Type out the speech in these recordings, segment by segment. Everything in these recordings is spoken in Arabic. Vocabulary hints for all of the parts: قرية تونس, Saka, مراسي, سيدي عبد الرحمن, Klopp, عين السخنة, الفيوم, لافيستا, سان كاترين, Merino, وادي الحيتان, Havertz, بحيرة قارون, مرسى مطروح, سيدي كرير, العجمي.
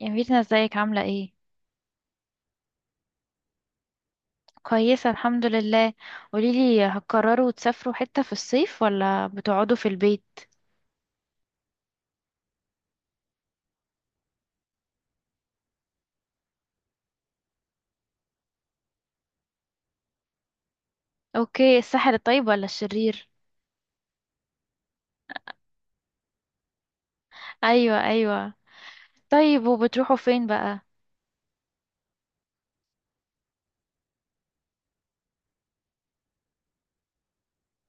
يا ميرنا ازيك عاملة ايه؟ كويسة الحمد لله. قوليلي هتقرروا تسافروا حتة في الصيف ولا بتقعدوا في البيت؟ اوكي، الساحل الطيب ولا الشرير؟ ايوه ايوه. طيب وبتروحوا فين بقى؟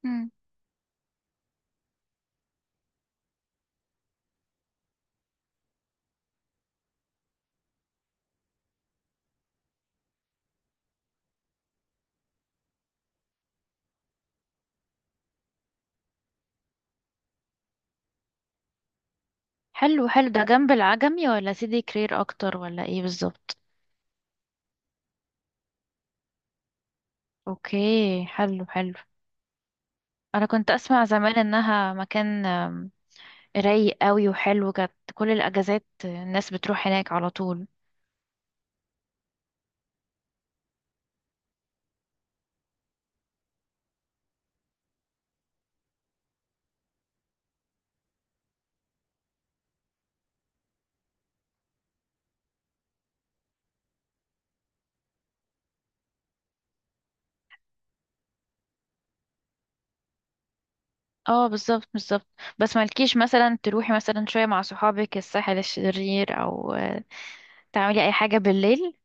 مم. حلو حلو، ده جنب العجمي ولا سيدي كرير اكتر ولا ايه بالظبط؟ اوكي حلو حلو. انا كنت اسمع زمان انها مكان رايق قوي وحلو، كانت كل الاجازات الناس بتروح هناك على طول. اه بالظبط بالظبط. بس مالكيش مثلا تروحي مثلا شوية مع صحابك الساحل الشرير او تعملي اي حاجة بالليل؟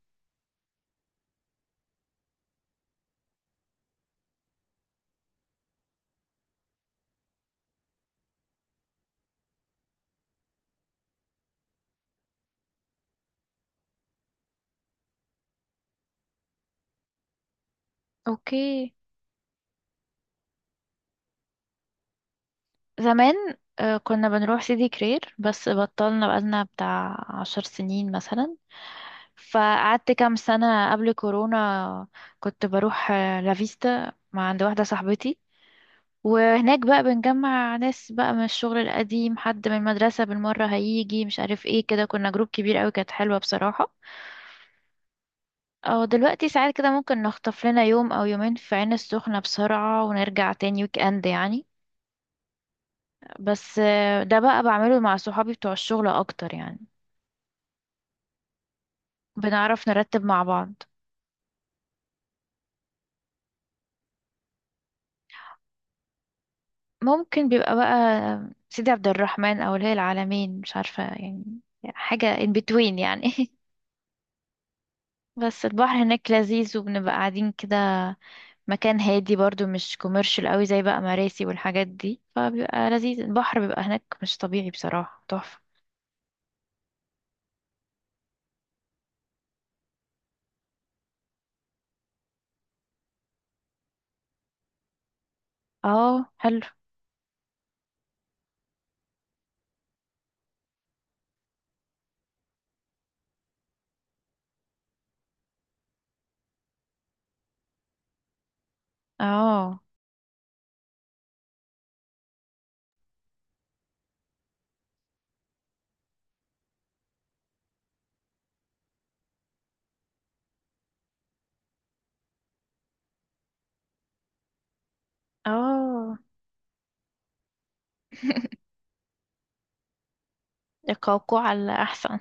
اوكي. زمان كنا بنروح سيدي كرير بس بطلنا بقالنا بتاع 10 سنين مثلا. فقعدت كام سنة قبل كورونا. كنت بروح لافيستا مع عند واحدة صاحبتي. وهناك بقى بنجمع ناس بقى من الشغل القديم، حد من المدرسة بالمرة هيجي مش عارف ايه، كده كنا جروب كبير قوي، كانت حلوة بصراحة. او دلوقتي ساعات كده ممكن نخطف لنا يوم او يومين في عين السخنة بسرعة ونرجع تاني ويك اند يعني. بس ده بقى بعمله مع صحابي بتوع الشغل اكتر يعني. بنعرف نرتب مع بعض. ممكن بيبقى بقى سيدي عبد الرحمن او الهي العالمين، مش عارفة يعني، حاجة in between يعني بس البحر هناك لذيذ وبنبقى قاعدين كده. مكان هادي برضو مش كوميرشال قوي زي بقى مراسي والحاجات دي، فبيبقى لذيذ، البحر بيبقى هناك مش طبيعي بصراحة، تحفة. اه حلو. اه اه القوقعة على احسن.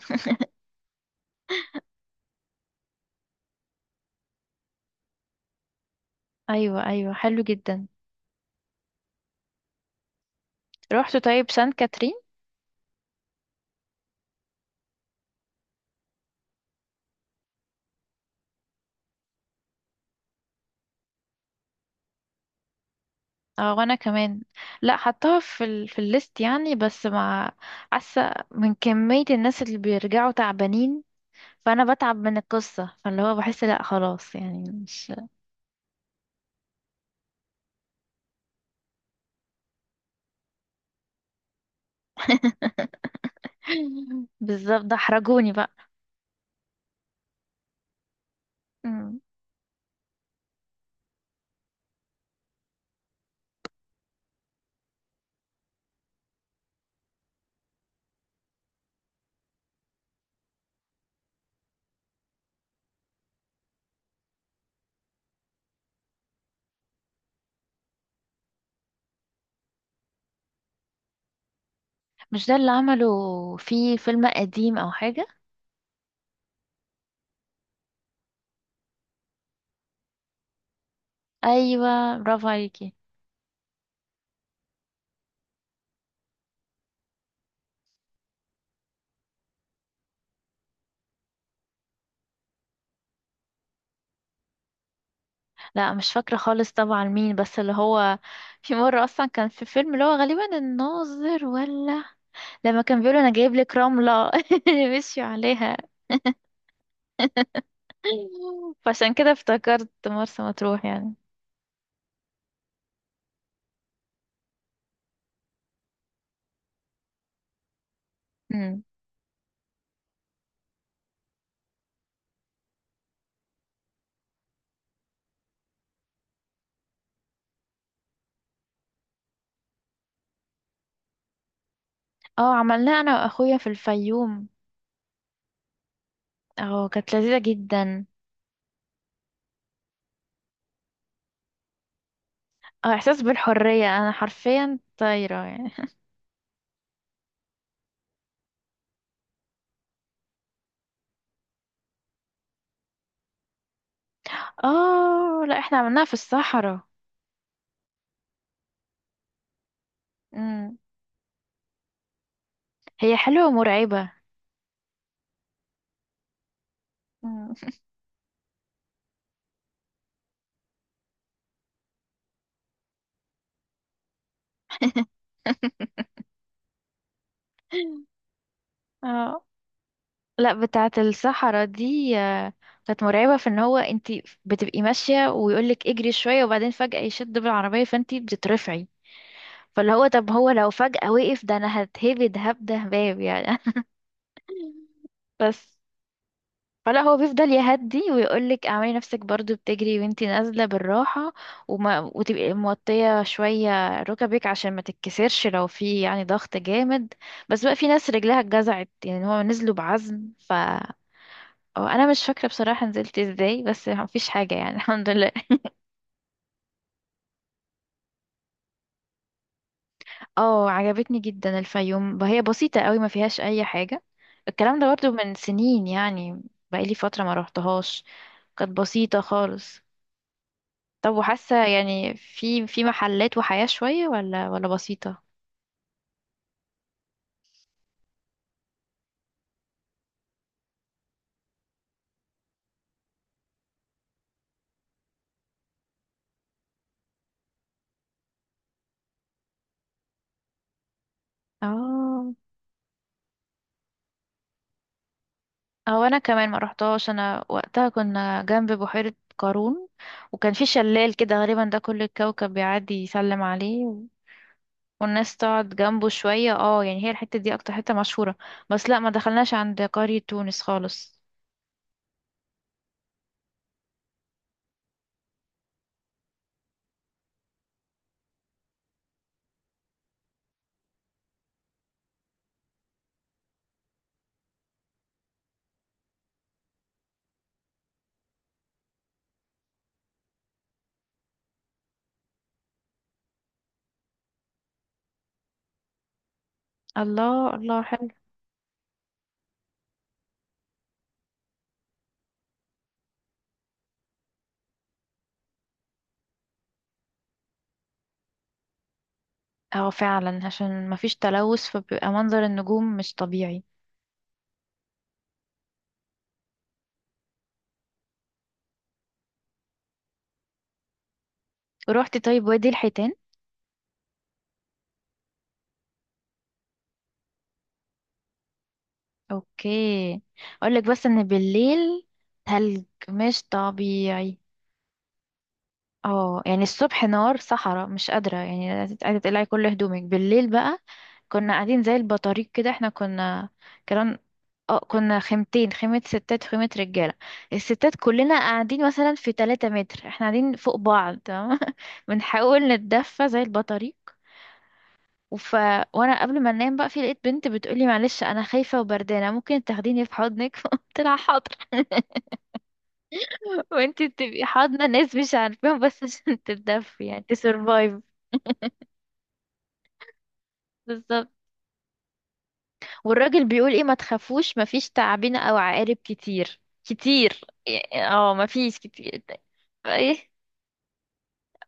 ايوه ايوه، حلو جدا. رحت طيب سان كاترين؟ اه وانا كمان. لا، حطها في في الليست يعني، بس مع حاسه من كميه الناس اللي بيرجعوا تعبانين. فانا بتعب من القصه، فاللي هو بحس لا خلاص يعني مش بالظبط، ده احرجوني بقى. مم. مش ده اللي عمله في فيلم قديم او حاجه؟ ايوه برافو عليكي. لا مش فاكرة خالص طبعا، مين بس اللي هو؟ في مرة أصلا كان في فيلم اللي هو غالبا الناظر، ولا لما كان بيقول أنا جايب لك رملة اللي مشيوا عليها. فعشان كده افتكرت مرسى مطروح يعني. مم. اه عملناه أنا وأخويا في الفيوم. اه كانت لذيذة جدا. اه إحساس بالحرية، أنا حرفيا طايرة يعني. اه لا احنا عملناها في الصحراء. مم. هي حلوة ومرعبة. مم. اه. لا بتاعة الصحراء دي كانت مرعبة في ان هو انت بتبقي ماشية ويقولك اجري شوية وبعدين فجأة يشد بالعربية فانت بتترفعي. فاللي هو طب هو لو فجأة وقف ده انا هتهبد هبدة هباب يعني بس فلا، هو بيفضل يهدي ويقولك اعملي نفسك برضو بتجري وانتي نازلة بالراحة. وما وتبقي موطية شوية ركبك عشان ما تتكسرش لو في يعني ضغط جامد. بس بقى في ناس رجلها اتجزعت، يعني هو نزلوا بعزم. اه انا مش فاكره بصراحه نزلت ازاي، بس مفيش حاجه يعني الحمد لله. اه عجبتني جدا الفيوم، هي بسيطه قوي ما فيهاش اي حاجه. الكلام ده برضو من سنين يعني. بقالي فتره ما روحتهاش. كانت بسيطه خالص. طب وحاسه يعني في محلات وحياه شويه ولا بسيطه؟ اه. او انا كمان ما روحتهاش. انا وقتها كنا جنب بحيره قارون، وكان في شلال كده غالبا ده كل الكوكب بيعدي يسلم عليه، والناس تقعد جنبه شوية اه يعني هي الحتة دي اكتر حتة مشهورة. بس لا ما دخلناش عند قرية تونس خالص. الله الله حلو. اه فعلا عشان ما فيش تلوث فبيبقى منظر النجوم مش طبيعي. روحت طيب وادي الحيتان؟ اوكي. اقولك بس ان بالليل ثلج مش طبيعي. اه يعني الصبح نار صحراء مش قادرة، يعني قاعدة تقلعي كل هدومك بالليل بقى. كنا قاعدين زي البطاريق كده، احنا كنا كان اه كنا خيمتين، خيمة ستات وخيمة رجالة. الستات كلنا قاعدين مثلا في 3 متر احنا قاعدين فوق بعض تمام بنحاول نتدفى زي البطاريق. وف... وانا قبل ما انام بقى في لقيت بنت بتقولي معلش انا خايفة وبردانة، ممكن تاخديني في حضنك؟ قلت لها حاضر. وانتي بتبقي حاضنة ناس مش عارفاهم بس عشان تتدفي، يعني تسرفايف. بالظبط. والراجل بيقول ايه ما تخافوش مفيش تعابين او عقارب كتير كتير. اه مفيش كتير. ايه.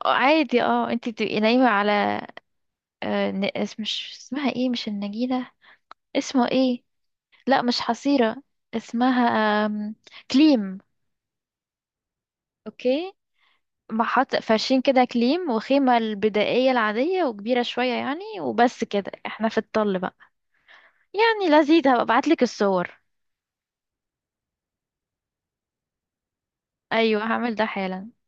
عادي اه انتي تبقي نايمة على مش اسمها ايه، مش النجيلة، اسمه ايه، لا مش حصيرة، اسمها آم، كليم. اوكي. محط فرشين كده كليم وخيمة البدائية العادية وكبيرة شوية يعني، وبس كده احنا في الطل بقى. يعني لذيذ، هبقى ابعتلك الصور. ايوه هعمل ده حالا.